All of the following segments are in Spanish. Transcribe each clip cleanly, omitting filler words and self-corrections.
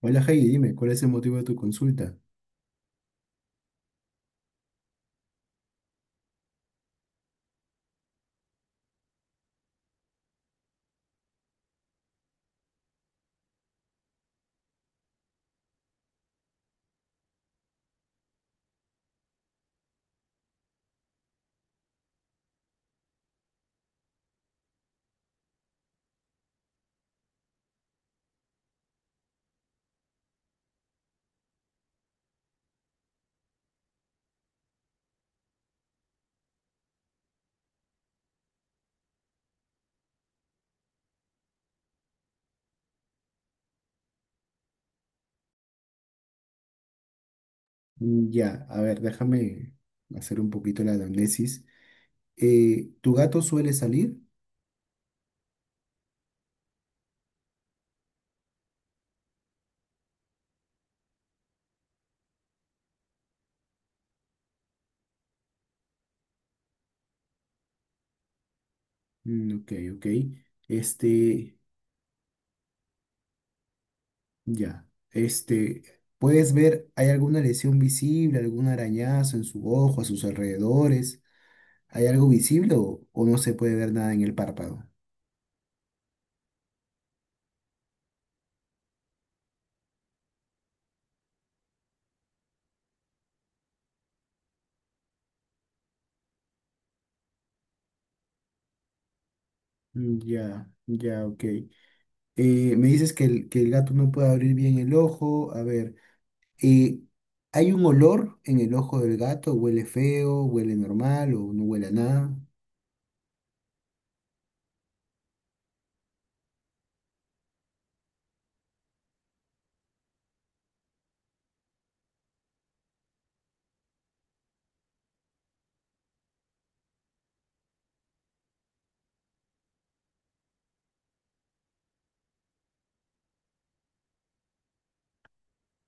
Hola Heidi, dime, ¿cuál es el motivo de tu consulta? Mm, ya, a ver, déjame hacer un poquito la anamnesis. ¿Tu gato suele salir? Mm, ok, ok. Este, ya, ¿puedes ver, hay alguna lesión visible, algún arañazo en su ojo, a sus alrededores? ¿Hay algo visible o no se puede ver nada en el párpado? Mm, ya, ya, ok. Me dices que que el gato no puede abrir bien el ojo. A ver. eh, ¿Hay un olor en el ojo del gato? ¿Huele feo? ¿Huele normal? ¿O no huele a nada?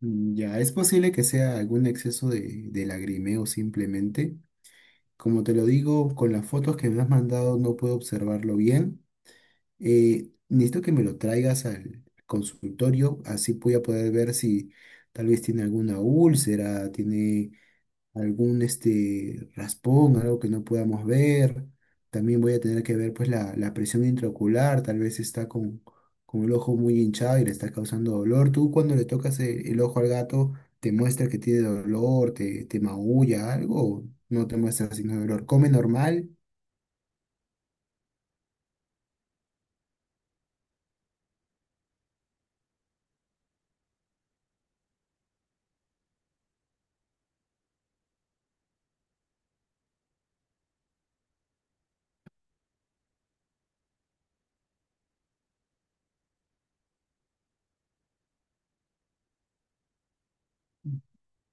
Mm, ya, es posible que sea algún exceso de lagrimeo simplemente. Como te lo digo, con las fotos que me has mandado no puedo observarlo bien. Necesito que me lo traigas al consultorio, así voy a poder ver si tal vez tiene alguna úlcera, tiene algún raspón, algo que no podamos ver. También voy a tener que ver pues la presión intraocular, tal vez está con el ojo muy hinchado y le está causando dolor. Tú cuando le tocas el ojo al gato, te muestra que tiene dolor, te maulla algo, o no te muestra signo de dolor. Come normal.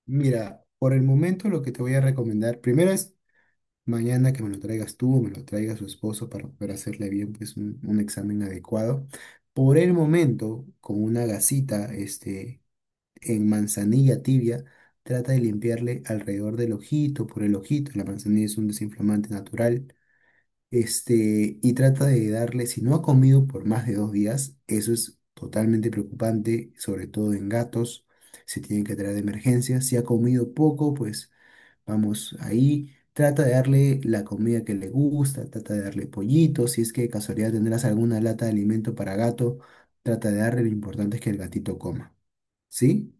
Mira, por el momento lo que te voy a recomendar primero es mañana que me lo traigas tú o me lo traiga su esposo para poder hacerle bien pues un examen adecuado. Por el momento, con una gasita en manzanilla tibia, trata de limpiarle alrededor del ojito, por el ojito. La manzanilla es un desinflamante natural. Y trata de darle, si no ha comido por más de 2 días, eso es totalmente preocupante, sobre todo en gatos. Se tiene que traer de emergencia. Si ha comido poco, pues vamos, ahí trata de darle la comida que le gusta, trata de darle pollito, si es que de casualidad tendrás alguna lata de alimento para gato, trata de darle, lo importante es que el gatito coma. ¿Sí?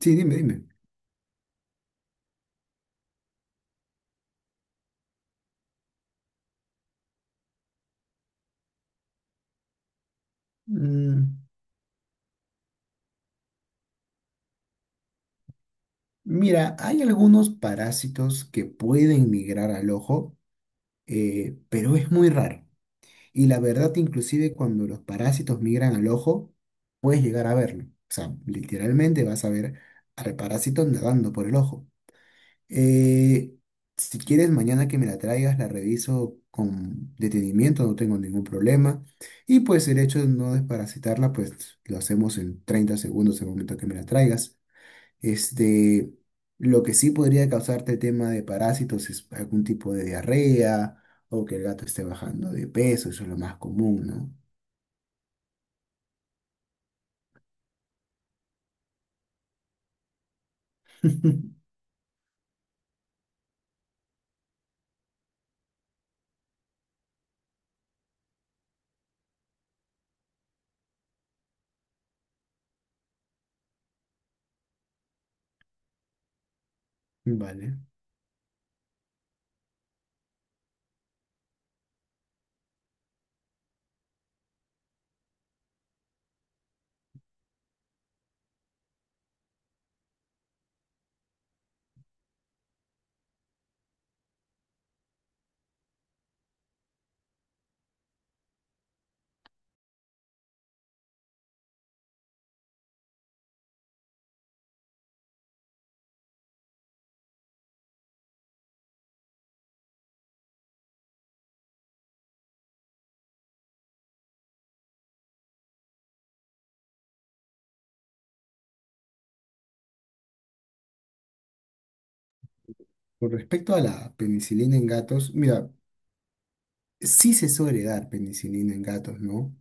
Sí, dime, dime. Mm, Mira, hay algunos parásitos que pueden migrar al ojo, pero es muy raro. Y la verdad, inclusive cuando los parásitos migran al ojo, puedes llegar a verlo. O sea, literalmente vas a ver al parásito nadando por el ojo. Eh, si quieres, mañana que me la traigas, la reviso con detenimiento, no tengo ningún problema. Y pues el hecho de no desparasitarla, pues lo hacemos en 30 segundos el momento que me la traigas. Este, lo que sí podría causarte tema de parásitos es algún tipo de diarrea o que el gato esté bajando de peso, eso es lo más común, ¿no? Vale. Con respecto a la penicilina en gatos, mira, sí se suele dar penicilina en gatos, ¿no?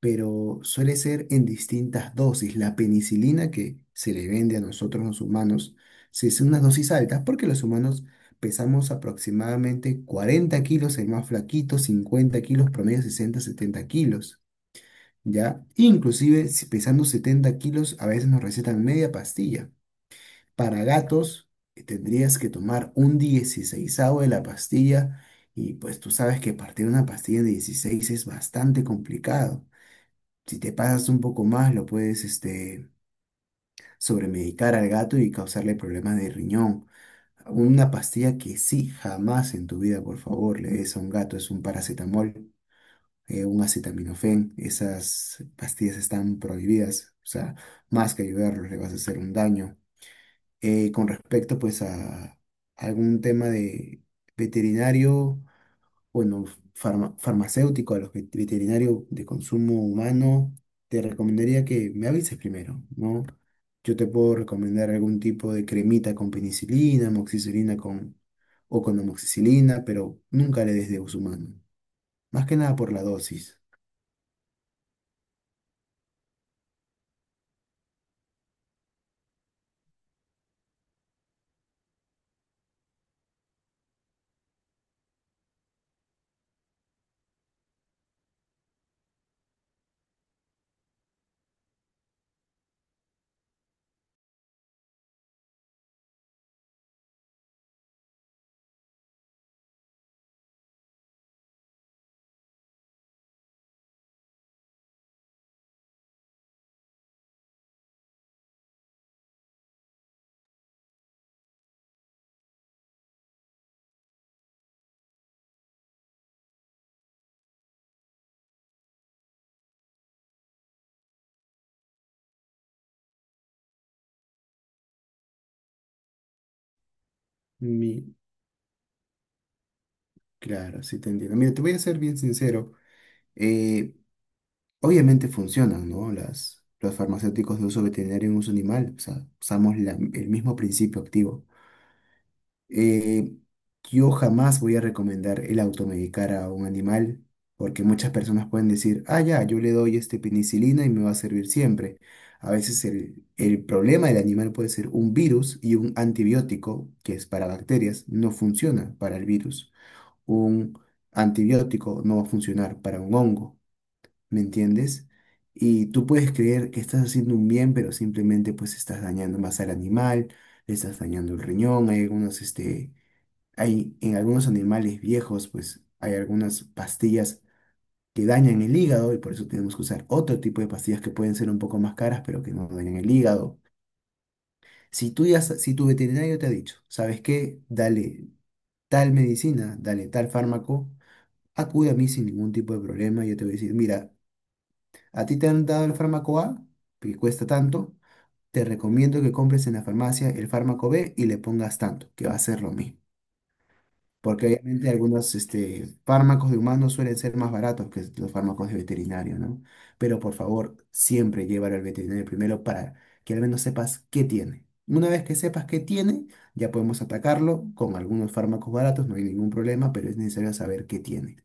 Pero suele ser en distintas dosis. La penicilina que se le vende a nosotros los humanos, se hace unas dosis altas porque los humanos pesamos aproximadamente 40 kilos, el más flaquito, 50 kilos, promedio 60, 70 kilos, ¿ya? Inclusive si pesando 70 kilos, a veces nos recetan media pastilla. Para gatos, tendrías que tomar un 16avo de la pastilla. Y pues tú sabes que partir una pastilla de 16 es bastante complicado. Si te pasas un poco más, lo puedes sobremedicar al gato y causarle problemas de riñón. Una pastilla que sí, jamás en tu vida, por favor, le des a un gato es un paracetamol, un acetaminofén. Esas pastillas están prohibidas. O sea, más que ayudarlos, le vas a hacer un daño. Con respecto, pues, a algún tema de veterinario bueno, farmacéutico, a los veterinarios de consumo humano, te recomendaría que me avises primero, ¿no? Yo te puedo recomendar algún tipo de cremita con penicilina, amoxicilina con, o con amoxicilina, pero nunca le des de uso humano. Más que nada por la dosis. Mi, claro, sí te entiendo. Mira, te voy a ser bien sincero. eh, Obviamente funcionan, ¿no? Los farmacéuticos de uso veterinario en uso animal. O sea, usamos el mismo principio activo. Eh, yo jamás voy a recomendar el automedicar a un animal porque muchas personas pueden decir, ah, ya, yo le doy penicilina y me va a servir siempre. A veces el problema del animal puede ser un virus y un antibiótico, que es para bacterias, no funciona para el virus. Un antibiótico no va a funcionar para un hongo, ¿me entiendes? Y tú puedes creer que estás haciendo un bien, pero simplemente pues estás dañando más al animal, le estás dañando el riñón, hay en algunos animales viejos, pues hay algunas pastillas que dañan el hígado y por eso tenemos que usar otro tipo de pastillas que pueden ser un poco más caras, pero que no dañan el hígado. Si tu veterinario te ha dicho, ¿sabes qué? Dale tal medicina, dale tal fármaco, acude a mí sin ningún tipo de problema. Yo te voy a decir, mira, a ti te han dado el fármaco A, que cuesta tanto, te recomiendo que compres en la farmacia el fármaco B y le pongas tanto, que va a ser lo mismo. Porque obviamente algunos fármacos de humanos suelen ser más baratos que los fármacos de veterinario, ¿no? Pero por favor, siempre llévalo al veterinario primero para que al menos sepas qué tiene. Una vez que sepas qué tiene, ya podemos atacarlo con algunos fármacos baratos, no hay ningún problema, pero es necesario saber qué tiene.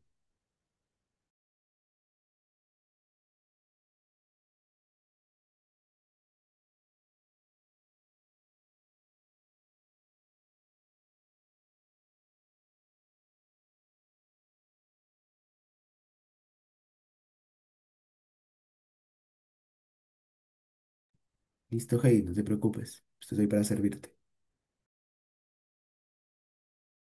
Listo, Heidi, no te preocupes, estoy para servirte.